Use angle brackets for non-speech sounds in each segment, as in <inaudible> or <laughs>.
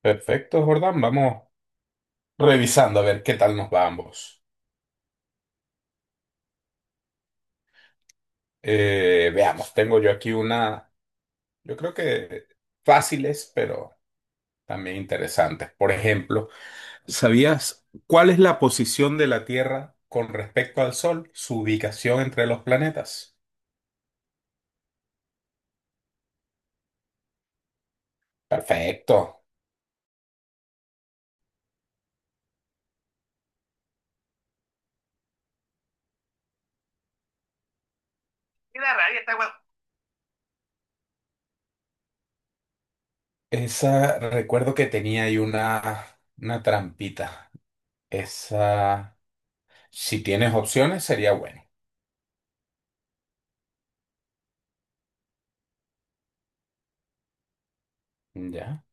Perfecto, Jordan. Vamos revisando a ver qué tal nos va a ambos. Veamos, tengo yo aquí yo creo que fáciles, pero también interesantes. Por ejemplo, ¿sabías cuál es la posición de la Tierra con respecto al Sol, su ubicación entre los planetas? Perfecto. Y la está guapo. Esa, recuerdo que tenía ahí una trampita. Esa, si tienes opciones, sería bueno. Ya.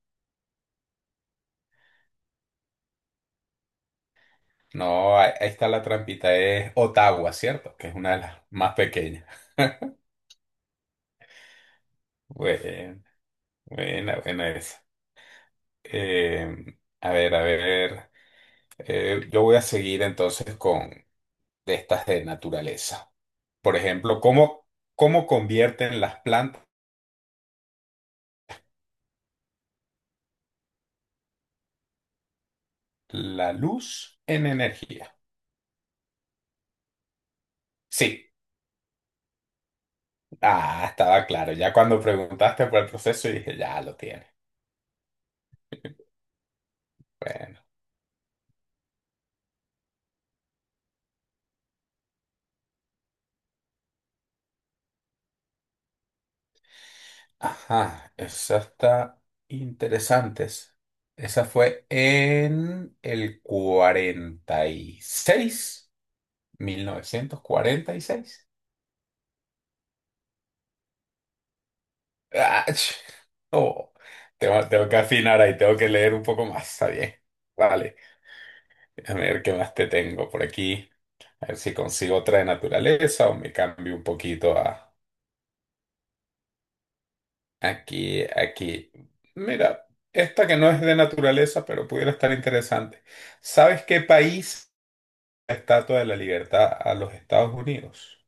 No, ahí está la trampita, es Ottawa, ¿cierto? Que es una de las más pequeñas. Buena, buena, buena esa. A ver, a ver, yo voy a seguir entonces con de estas de naturaleza. Por ejemplo, ¿cómo convierten las plantas la luz en energía? Sí, ah, estaba claro. Ya cuando preguntaste por el proceso dije, ya lo tiene. Bueno. Ajá, esa está interesantes. Esa fue en el 46, 1946. ¡Ach! Oh, tengo que afinar ahí, tengo que leer un poco más, está bien. Vale, déjame ver qué más te tengo por aquí. A ver si consigo otra de naturaleza o me cambio un poquito a aquí. Mira, esta que no es de naturaleza, pero pudiera estar interesante. ¿Sabes qué país? ¿La Estatua de la Libertad a los Estados Unidos?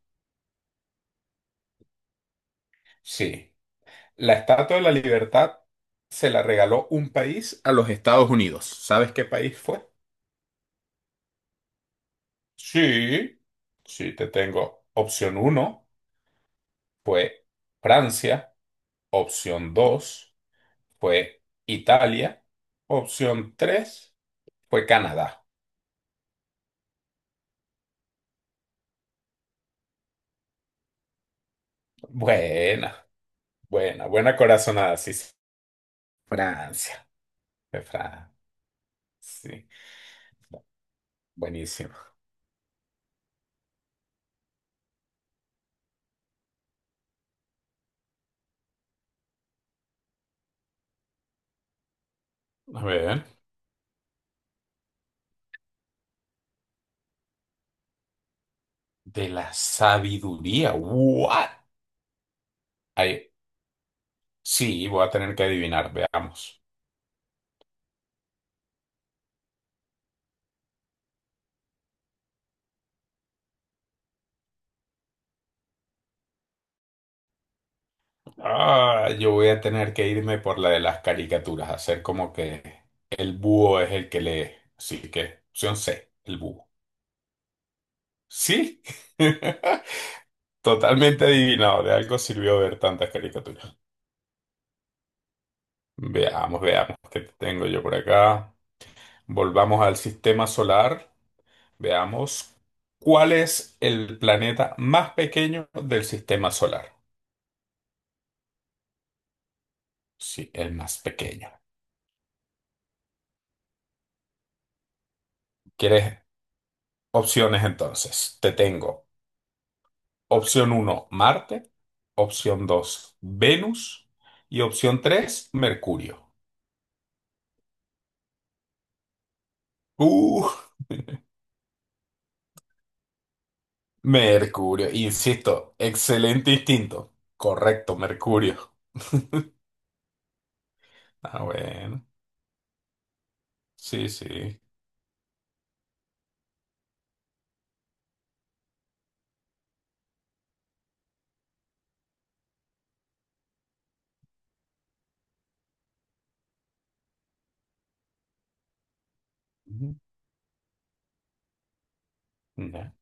Sí. La Estatua de la Libertad se la regaló un país a los Estados Unidos. ¿Sabes qué país fue? Sí. Sí, te tengo. Opción uno fue Francia. Opción 2 fue Italia. Opción 3 fue Canadá. Buena, buena, buena corazonada. Sí, sí. Francia. De Francia. Sí, buenísimo. A ver. De la sabiduría. ¿What? Ay, sí, voy a tener que adivinar, veamos. Ah, yo voy a tener que irme por la de las caricaturas, hacer como que el búho es el que lee. Así que, opción C, el búho. Sí, <laughs> totalmente adivinado. De algo sirvió ver tantas caricaturas. Veamos, veamos qué tengo yo por acá. Volvamos al sistema solar. Veamos cuál es el planeta más pequeño del sistema solar. Sí, el más pequeño. ¿Quieres opciones entonces? Te tengo opción uno Marte, opción 2 Venus y opción 3 Mercurio. Uh, Mercurio, insisto, excelente instinto. Correcto, Mercurio. Ah, bueno, sí, sí. Ujú, ya.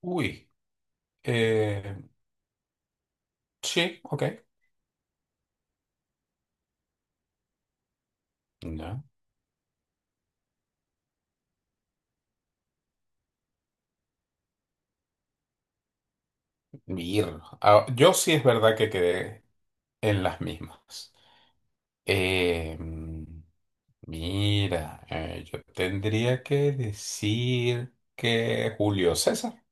Uy, eh, sí, ok. Ya. Mir. Ah, yo sí es verdad que quedé en las mismas. Eh, mm, Mira, yo tendría que decir que Julio César.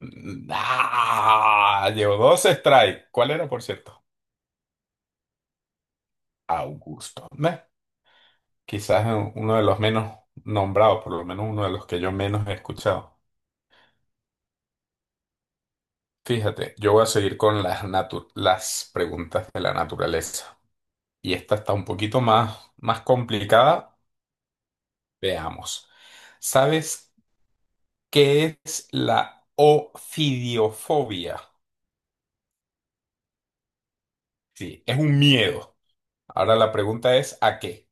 Ah, llevo dos strikes. ¿Cuál era, por cierto? Augusto. Meh, quizás uno de los menos nombrados, por lo menos uno de los que yo menos he escuchado. Fíjate, yo voy a seguir con las preguntas de la naturaleza. Y esta está un poquito más, más complicada. Veamos. ¿Sabes qué es la ofidiofobia? Sí, es un miedo. Ahora la pregunta es, ¿a qué?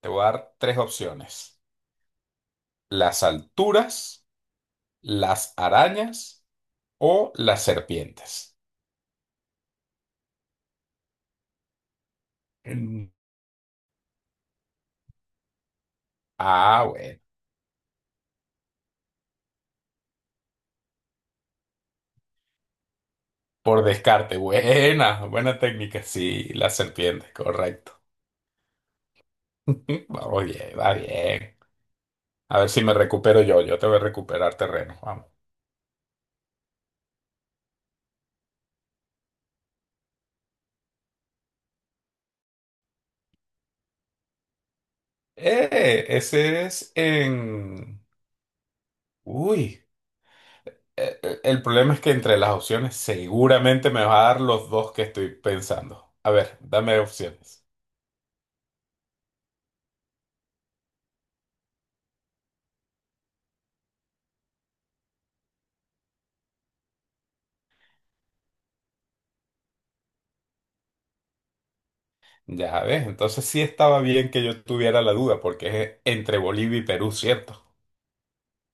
Te voy a dar tres opciones. Las alturas, las arañas o las serpientes. Mm, Ah, bueno. Por descarte, buena, buena técnica. Sí, las serpientes, correcto. <laughs> Vamos bien, va bien. A ver si me recupero yo, te voy a recuperar terreno. Vamos. Ese es en... Uy. El problema es que entre las opciones seguramente me va a dar los dos que estoy pensando. A ver, dame opciones. Ya ves, entonces sí estaba bien que yo tuviera la duda, porque es entre Bolivia y Perú, ¿cierto?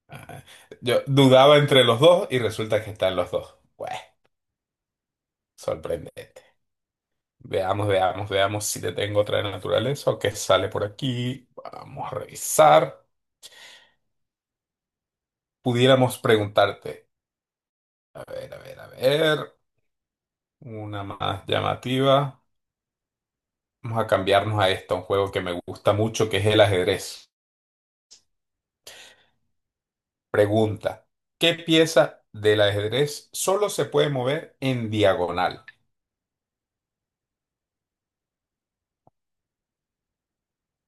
Ah, yo dudaba entre los dos y resulta que están los dos. Bueno, sorprendente. Veamos, veamos, veamos si te tengo otra de naturaleza o qué sale por aquí. Vamos a revisar. Pudiéramos preguntarte. A ver, a ver, a ver. Una más llamativa. Vamos a cambiarnos a esto, un juego que me gusta mucho, que es el ajedrez. Pregunta, ¿qué pieza del ajedrez solo se puede mover en diagonal?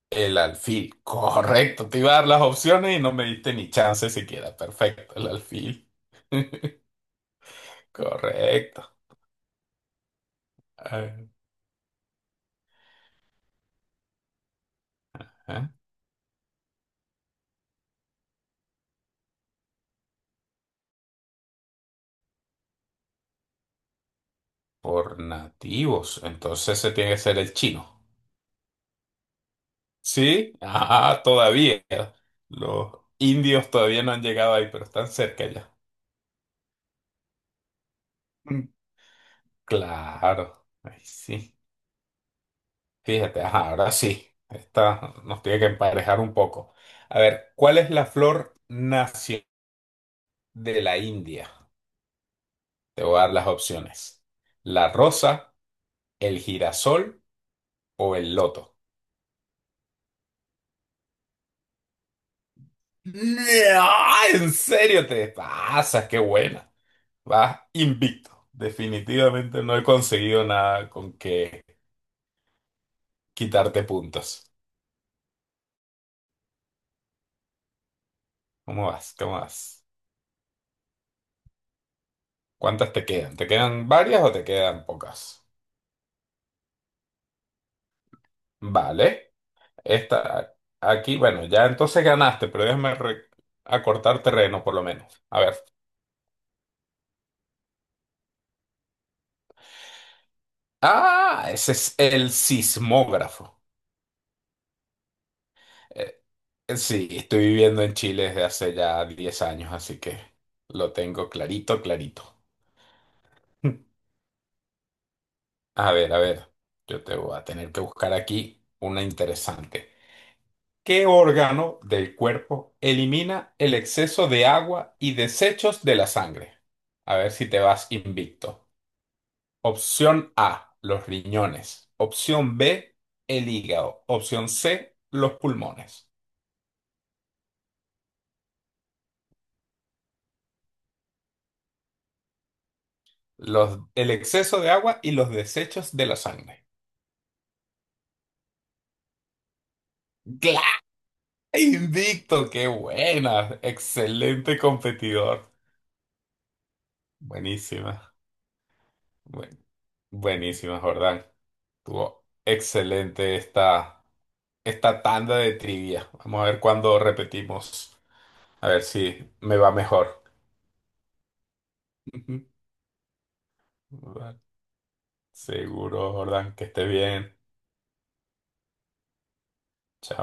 El alfil. Correcto, te iba a dar las opciones y no me diste ni chance siquiera. Perfecto, el alfil. <laughs> Correcto. Ajá. Por nativos, entonces se tiene que ser el chino. ¿Sí? Ah, todavía. Los indios todavía no han llegado ahí, pero están cerca ya. Mm, Claro, ahí sí. Fíjate, ajá, ahora sí, esta nos tiene que emparejar un poco. A ver, ¿cuál es la flor nacional de la India? Te voy a dar las opciones. ¿La rosa, el girasol o el loto? ¡Ah! ¿En serio te pasas? ¡Qué buena! Vas invicto. Definitivamente no he conseguido nada con que quitarte puntos. ¿Cómo vas? ¿Cómo vas? ¿Cuántas te quedan? ¿Te quedan varias o te quedan pocas? Vale. Esta, aquí, bueno, ya entonces ganaste, pero déjame acortar terreno por lo menos. A ver. Ah, ese es el sismógrafo. Eh, sí, estoy viviendo en Chile desde hace ya 10 años, así que lo tengo clarito, clarito. A ver, yo te voy a tener que buscar aquí una interesante. ¿Qué órgano del cuerpo elimina el exceso de agua y desechos de la sangre? A ver si te vas invicto. Opción A, los riñones. Opción B, el hígado. Opción C, los pulmones. Los, el exceso de agua y los desechos de la sangre. ¡Claro! Invicto, qué buena. Excelente competidor. Buenísima. buen- Buenísima, Jordán. Tuvo excelente esta, esta tanda de trivia. Vamos a ver cuándo repetimos. A ver si me va mejor. <laughs> Seguro, Jordán, que esté bien. Chao.